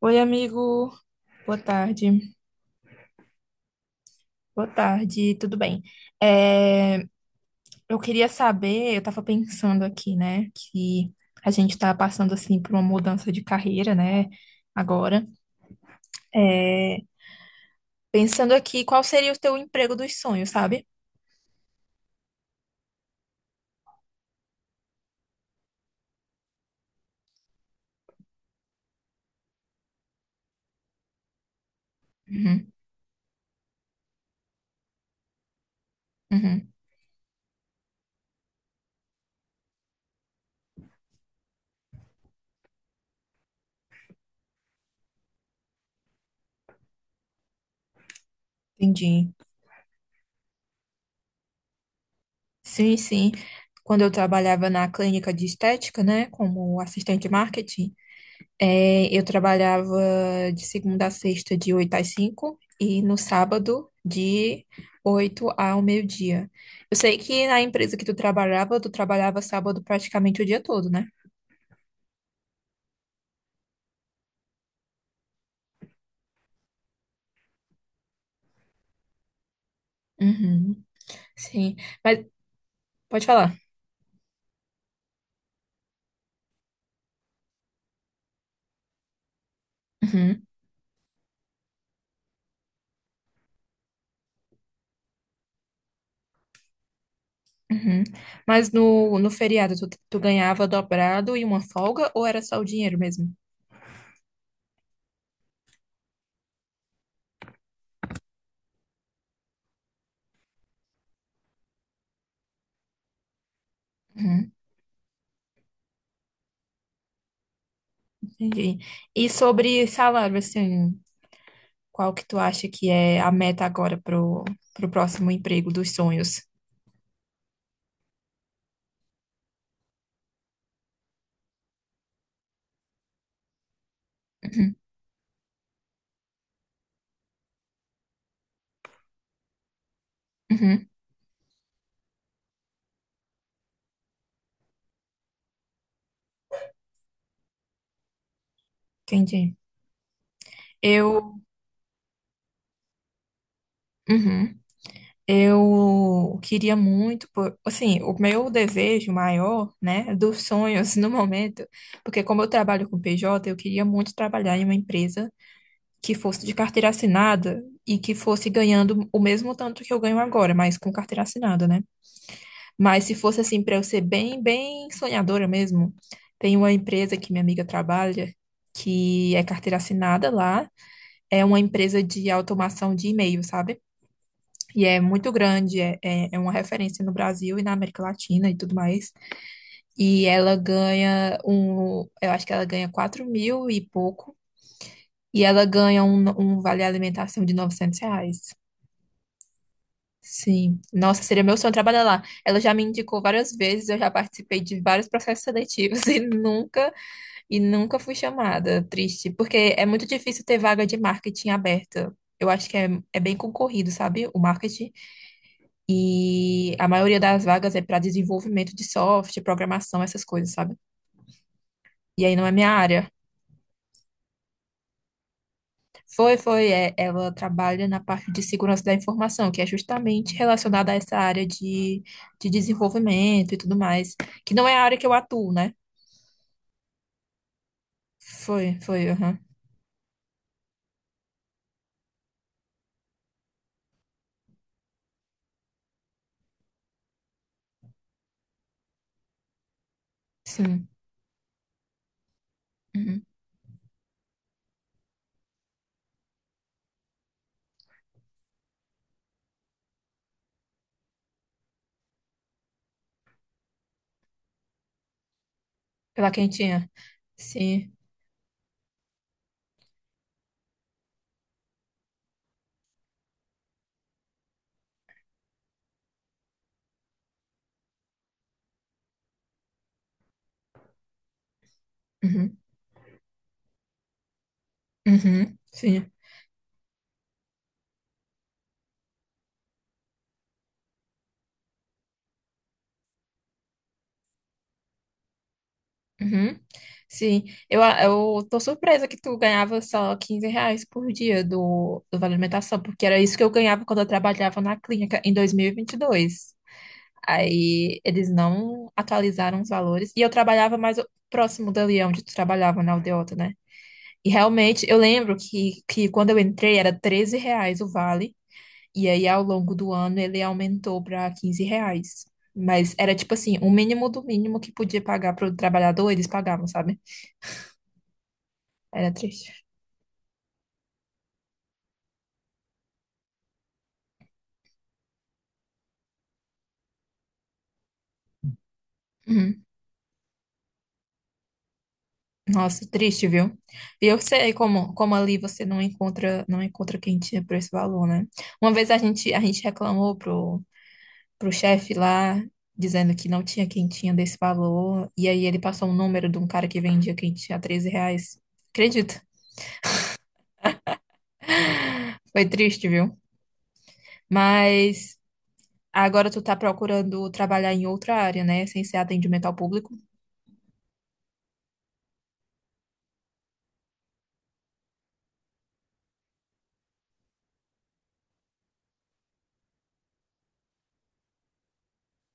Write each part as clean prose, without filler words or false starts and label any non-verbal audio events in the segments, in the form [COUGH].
Oi, amigo. Boa tarde. Boa tarde, tudo bem? É, eu queria saber, eu tava pensando aqui, né, que a gente tá passando, assim, por uma mudança de carreira, né, agora. É, pensando aqui, qual seria o teu emprego dos sonhos, sabe? Uhum. Uhum, entendi. Sim, sim. Quando eu trabalhava na clínica de estética, né, como assistente de marketing, eu trabalhava de segunda a sexta, de 8 às 5 e no sábado, de 8 ao meio-dia. Eu sei que na empresa que tu trabalhava sábado praticamente o dia todo, né? Uhum, sim. Mas pode falar. Uhum. Uhum. Mas no feriado, tu ganhava dobrado e uma folga, ou era só o dinheiro mesmo? Uhum, entendi. E sobre salário, assim, qual que tu acha que é a meta agora pro próximo emprego dos sonhos? Uhum. Uhum, entendi. Eu, uhum, eu queria muito, pô- assim, o meu desejo maior, né, dos sonhos [LAUGHS] no momento, porque como eu trabalho com PJ, eu queria muito trabalhar em uma empresa que fosse de carteira assinada e que fosse ganhando o mesmo tanto que eu ganho agora, mas com carteira assinada, né? Mas se fosse assim, para eu ser bem, bem sonhadora mesmo, tem uma empresa que minha amiga trabalha, que é carteira assinada lá. É uma empresa de automação de e-mail, sabe? E é muito grande, é uma referência no Brasil e na América Latina e tudo mais. E ela ganha um, eu acho que ela ganha 4 mil e pouco, e ela ganha um, um vale alimentação de R$ 900. Sim, nossa, seria meu sonho trabalhar lá. Ela já me indicou várias vezes, eu já participei de vários processos seletivos [LAUGHS] e nunca fui chamada. Triste, porque é muito difícil ter vaga de marketing aberta. Eu acho que é, é bem concorrido, sabe? O marketing. E a maioria das vagas é para desenvolvimento de software, programação, essas coisas, sabe? E aí não é minha área. Foi, foi, é, ela trabalha na parte de segurança da informação, que é justamente relacionada a essa área de desenvolvimento e tudo mais, que não é a área que eu atuo, né? Foi, foi, aham. Sim. Uhum. Pela quentinha. Sim. Uhum. Uhum. Sim. Uhum. Sim, a- eu tô surpresa que tu ganhava só 15 reais por dia do, do Vale Alimentação, porque era isso que eu ganhava quando eu trabalhava na clínica em dois mil e vinte e dois. Aí eles não atualizaram os valores e eu trabalhava mais o- próximo dali onde tu trabalhava, na Aldeota, né? E realmente eu lembro que quando eu entrei era 13 reais o vale, e aí ao longo do ano ele aumentou para 15 reais. Mas era tipo assim, o mínimo do mínimo que podia pagar pro trabalhador, eles pagavam, sabe? Era triste. Uhum. Nossa, triste, viu? E eu sei como, como ali você não encontra, não encontra quentinha por esse valor, né? Uma vez a gente reclamou pro chefe lá, dizendo que não tinha quentinha desse valor, e aí ele passou um número de um cara que vendia quentinha a 13 reais. Acredito. Foi triste, viu? Mas agora tu tá procurando trabalhar em outra área, né? Sem ser atendimento ao público.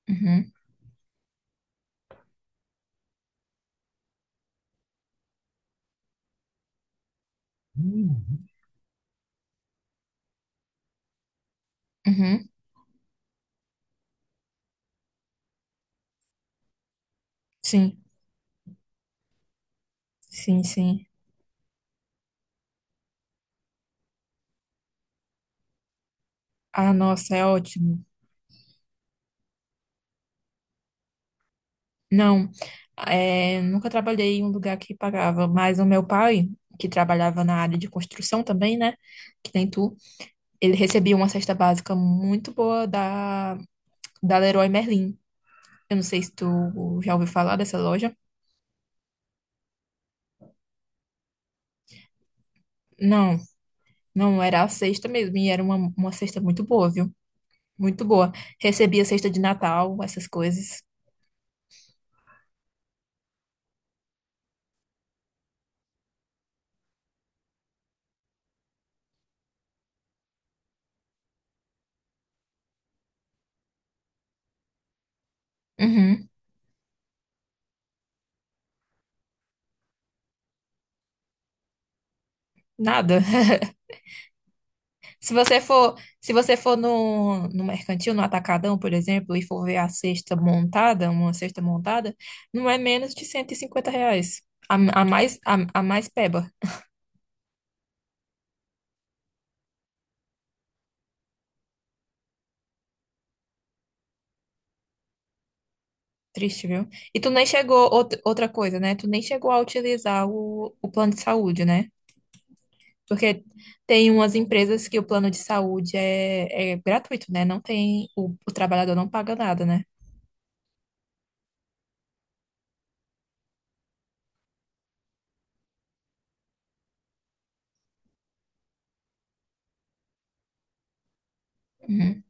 Uhum. Uhum, sim, sim, sim. Ah, nossa, é ótimo. Não, é, nunca trabalhei em um lugar que pagava, mas o meu pai, que trabalhava na área de construção também, né? Que nem tu, ele recebia uma cesta básica muito boa da Leroy Merlin. Eu não sei se tu já ouviu falar dessa loja. Não, não, era a cesta mesmo, e era uma cesta muito boa, viu? Muito boa. Recebia cesta de Natal, essas coisas. Uhum, nada. Se você for, se você for no mercantil, no Atacadão, por exemplo, e for ver a cesta montada, uma cesta montada, não é menos de R$ 150. A, a mais, a mais peba. Triste, viu? E tu nem chegou, outra outra coisa, né? Tu nem chegou a utilizar o plano de saúde, né? Porque tem umas empresas que o plano de saúde é gratuito, né? Não tem, o trabalhador não paga nada, né? Uhum.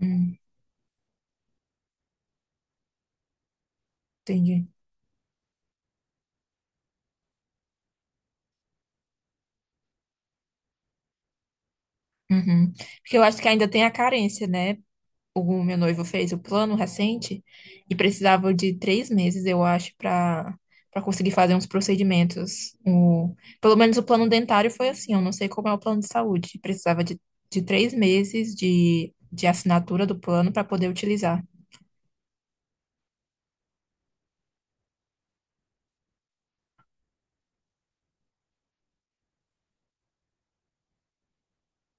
Uhum, entendi. Uhum. Porque eu acho que ainda tem a carência, né? O meu noivo fez o plano recente e precisava de 3 meses, eu acho, para para conseguir fazer uns procedimentos. O, pelo menos o plano dentário foi assim, eu não sei como é o plano de saúde. Precisava de 3 meses de assinatura do plano para poder utilizar.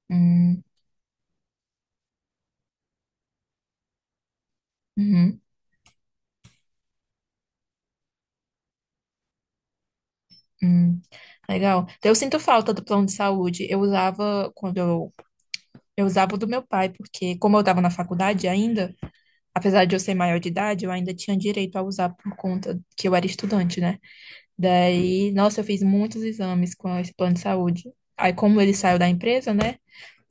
Hum. Uhum. Hum. Legal. Então, eu sinto falta do plano de saúde. Eu usava quando eu usava o do meu pai, porque como eu estava na faculdade ainda, apesar de eu ser maior de idade, eu ainda tinha direito a usar por conta que eu era estudante, né? Daí, nossa, eu fiz muitos exames com esse plano de saúde. Aí, como ele saiu da empresa, né?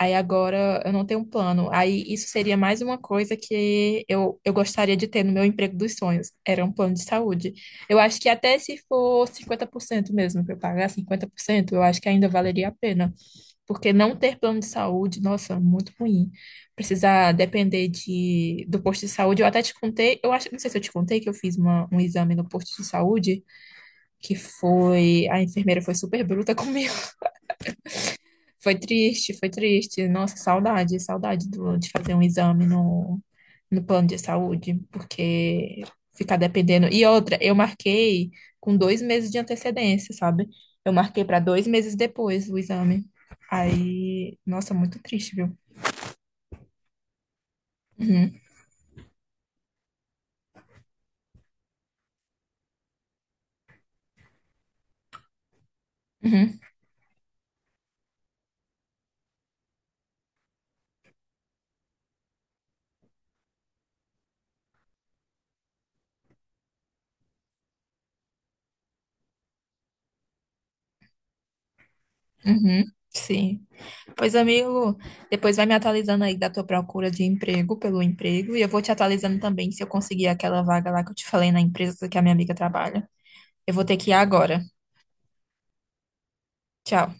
Aí agora eu não tenho um plano. Aí isso seria mais uma coisa que eu gostaria de ter no meu emprego dos sonhos. Era um plano de saúde. Eu acho que até se for 50% mesmo, que eu pagar 50% eu acho que ainda valeria a pena. Porque não ter plano de saúde, nossa, muito ruim. Precisar depender de, do posto de saúde. Eu até te contei, eu acho, não sei se eu te contei que eu fiz uma- um exame no posto de saúde, que foi, a enfermeira foi super bruta [LAUGHS] comigo. Foi triste, foi triste. Nossa, saudade, saudade do- de fazer um exame no, no plano de saúde, porque ficar dependendo. E outra, eu marquei com 2 meses de antecedência, sabe? Eu marquei para 2 meses depois o exame. Aí, nossa, muito triste, viu? Uhum, uhum, uhum, sim. Pois, amigo, depois vai me atualizando aí da tua procura de emprego, pelo emprego, e eu vou te atualizando também se eu conseguir aquela vaga lá que eu te falei na empresa que a minha amiga trabalha. Eu vou ter que ir agora. Tchau.